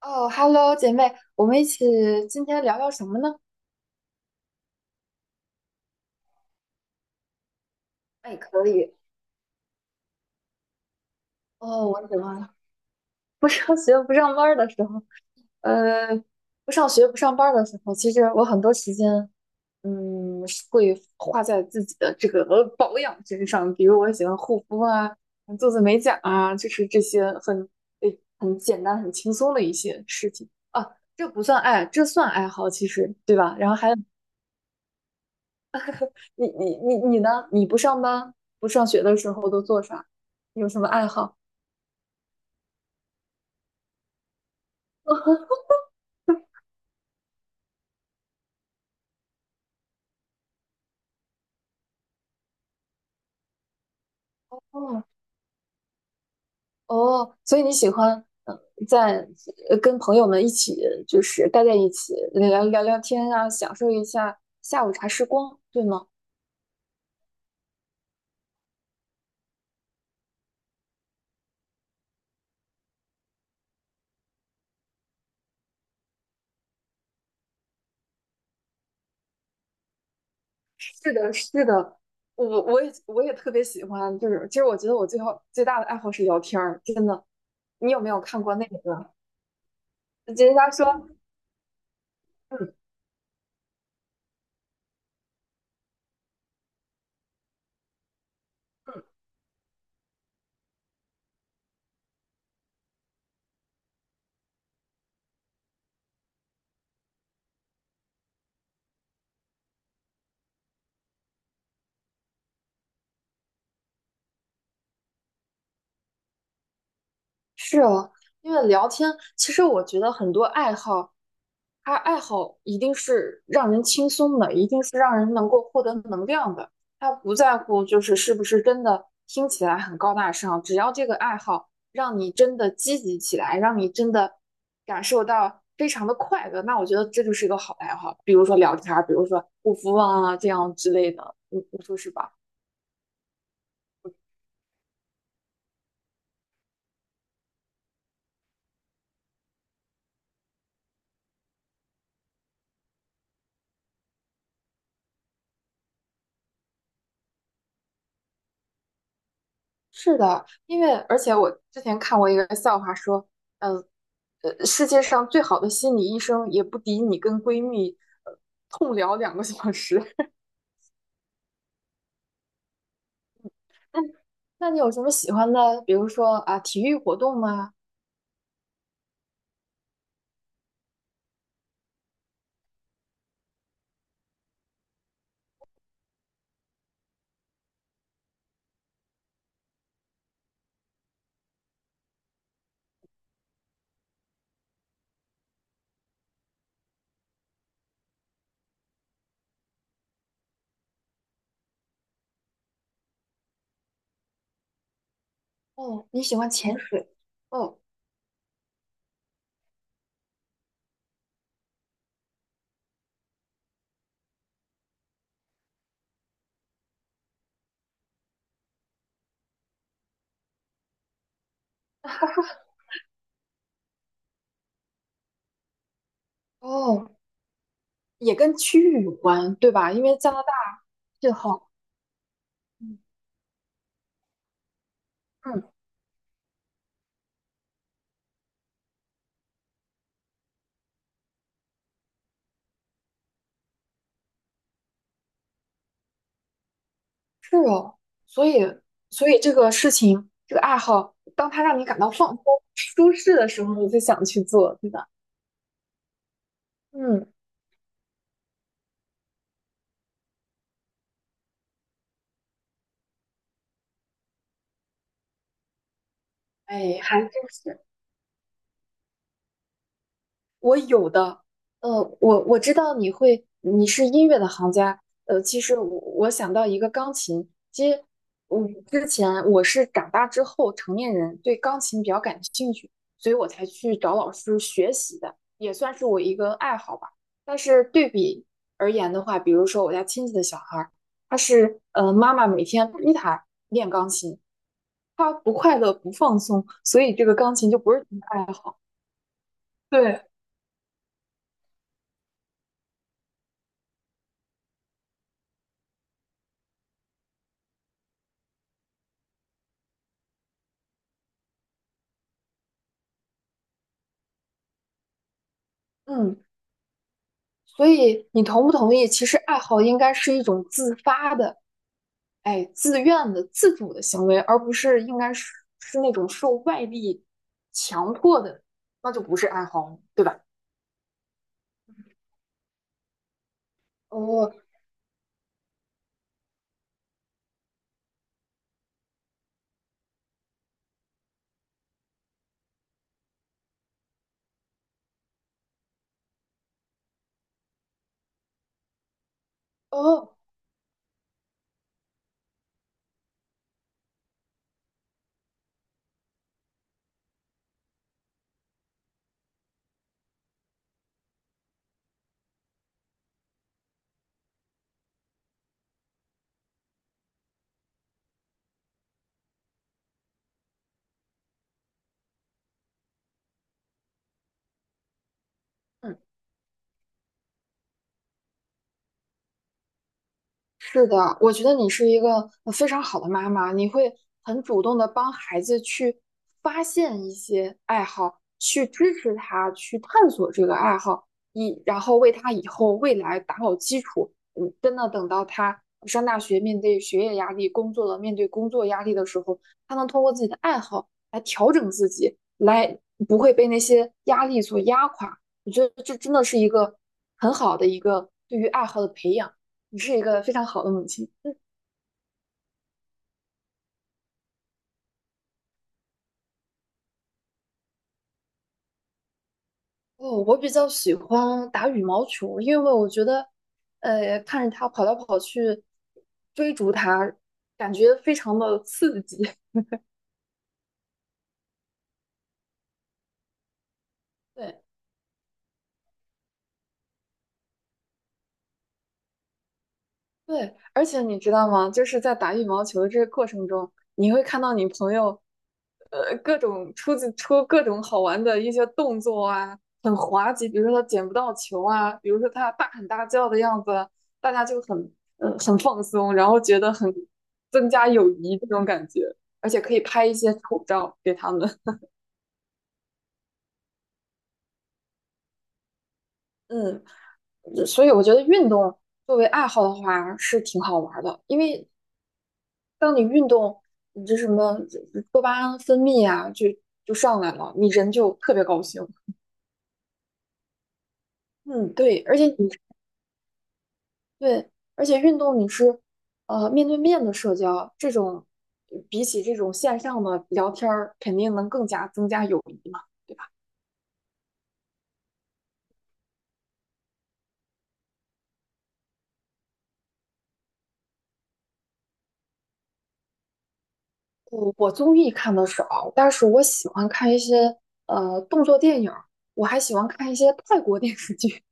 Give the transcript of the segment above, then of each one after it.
哦，Hello，姐妹，我们一起今天聊聊什么呢？哎，可以，哦，我喜欢不上学、不上班儿的时候，呃，不上学、不上班儿的时候，其实我很多时间，嗯，是会花在自己的这个 保养身上，比如我喜欢护肤啊，做做美甲啊，就是这些很诶很简单、很轻松的一些事情啊，这不算爱，这算爱好，其实对吧？然后还有你呢？你不上班不上学的时候都做啥？有什么爱好？哦哦，所以你喜欢嗯，呃在呃跟朋友们一起就是待在一起聊聊天啊，享受一下下午茶时光，对吗？是的，是的，我也特别喜欢，就是其实我觉得我最好最大的爱好是聊天儿，真的。你有没有看过那个？人家说，嗯，是啊，因为聊天，其实我觉得很多爱好。他爱好一定是让人轻松的，一定是让人能够获得能量的。他不在乎就是是不是真的听起来很高大上，只要这个爱好让你真的积极起来，让你真的感受到非常的快乐，那我觉得这就是一个好爱好。比如说聊天比如说护肤啊这样之类的，你说是吧？是的，因为而且我之前看过一个笑话说，嗯，呃，世界上最好的心理医生也不敌你跟闺蜜呃痛聊2个小时。那那你有什么喜欢的？比如说啊，体育活动吗？哦，你喜欢潜水？哦哦，也跟区域有关，对吧？因为加拿大这好，嗯嗯，是哦，所以所以这个事情，这个爱好，当它让你感到放松、舒适的时候，你就想去做，对吧？嗯，哎，还真是我有的，呃，我知道你会，你是音乐的行家，呃，其实我想到一个钢琴，其实我之前我是长大之后成年人对钢琴比较感兴趣，所以我才去找老师学习的，也算是我一个爱好吧。但是对比而言的话，比如说我家亲戚的小孩儿，他是妈妈每天逼他练钢琴，他不快乐不放松，所以这个钢琴就不是他的爱好。对，嗯，所以你同不同意？其实爱好应该是一种自发的，哎，自愿的、自主的行为，而不是应该是是那种受外力强迫的，那就不是爱好了对吧？哦哦，嗯。是的，我觉得你是一个非常好的妈妈，你会很主动的帮孩子去发现一些爱好，去支持他去探索这个爱好，以然后为他以后未来打好基础。嗯，真的等到他上大学，面对学业压力，工作了，面对工作压力的时候，他能通过自己的爱好来调整自己，来不会被那些压力所压垮。我觉得这真的是一个很好的一个对于爱好的培养。你是一个非常好的母亲。哦，我比较喜欢打羽毛球，因为我觉得，呃，看着他跑来跑去，追逐他，感觉非常的刺激。对，对，而且你知道吗？就是在打羽毛球的这个过程中，你会看到你朋友，呃，各种出自出各种好玩的一些动作啊，很滑稽，比如说他捡不到球啊，比如说他大喊大叫的样子，大家就很很放松，然后觉得很增加友谊这种感觉，而且可以拍一些丑照给他们。嗯，所以我觉得运动作为爱好的话是挺好玩的，因为当你运动，你这什么多巴胺分泌啊，就上来了，你人就特别高兴。嗯，对，而且你对，而且运动你是面对面的社交，这种比起这种线上的聊天儿，肯定能更加增加友谊嘛，对吧？我综艺看的少，但是我喜欢看一些动作电影儿，我还喜欢看一些泰国电视剧。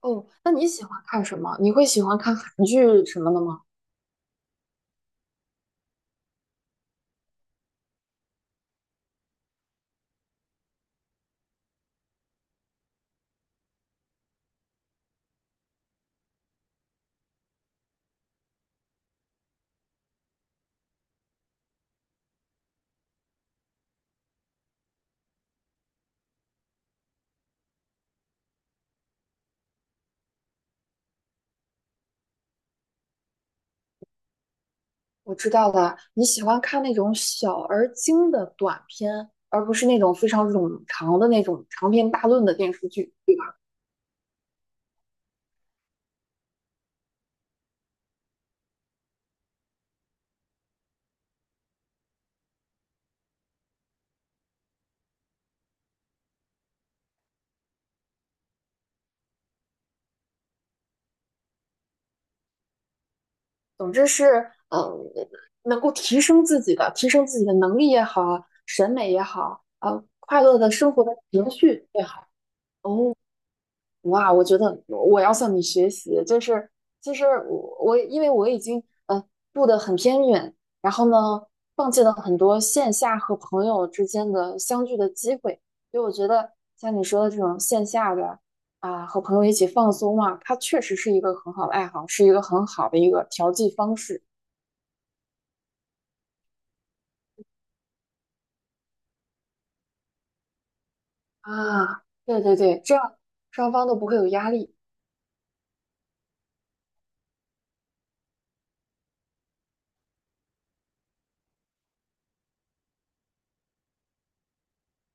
哦，那你喜欢看什么？你会喜欢看韩剧什么的吗？我知道的，你喜欢看那种小而精的短片，而不是那种非常冗长的那种长篇大论的电视剧，对吧？总之是，嗯，能够提升自己的，提升自己的能力也好，审美也好，呃，快乐的生活的情绪也好。哇，我觉得我要向你学习，就是其实我因为我已经住的很偏远，然后呢放弃了很多线下和朋友之间的相聚的机会，所以我觉得像你说的这种线下的啊、和朋友一起放松嘛，它确实是一个很好的爱好，是一个很好的一个调剂方式啊。对对对，这样双方都不会有压力。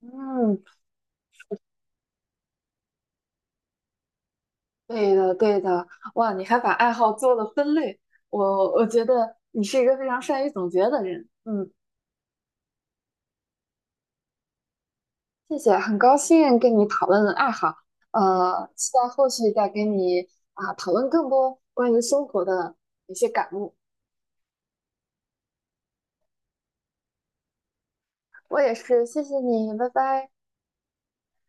嗯。对的，对的，哇，你还把爱好做了分类，我觉得你是一个非常善于总结的人，嗯，谢谢，很高兴跟你讨论爱好，呃，期待后续再跟你啊、讨论更多关于生活的一些感悟，我也是，谢谢你，拜拜。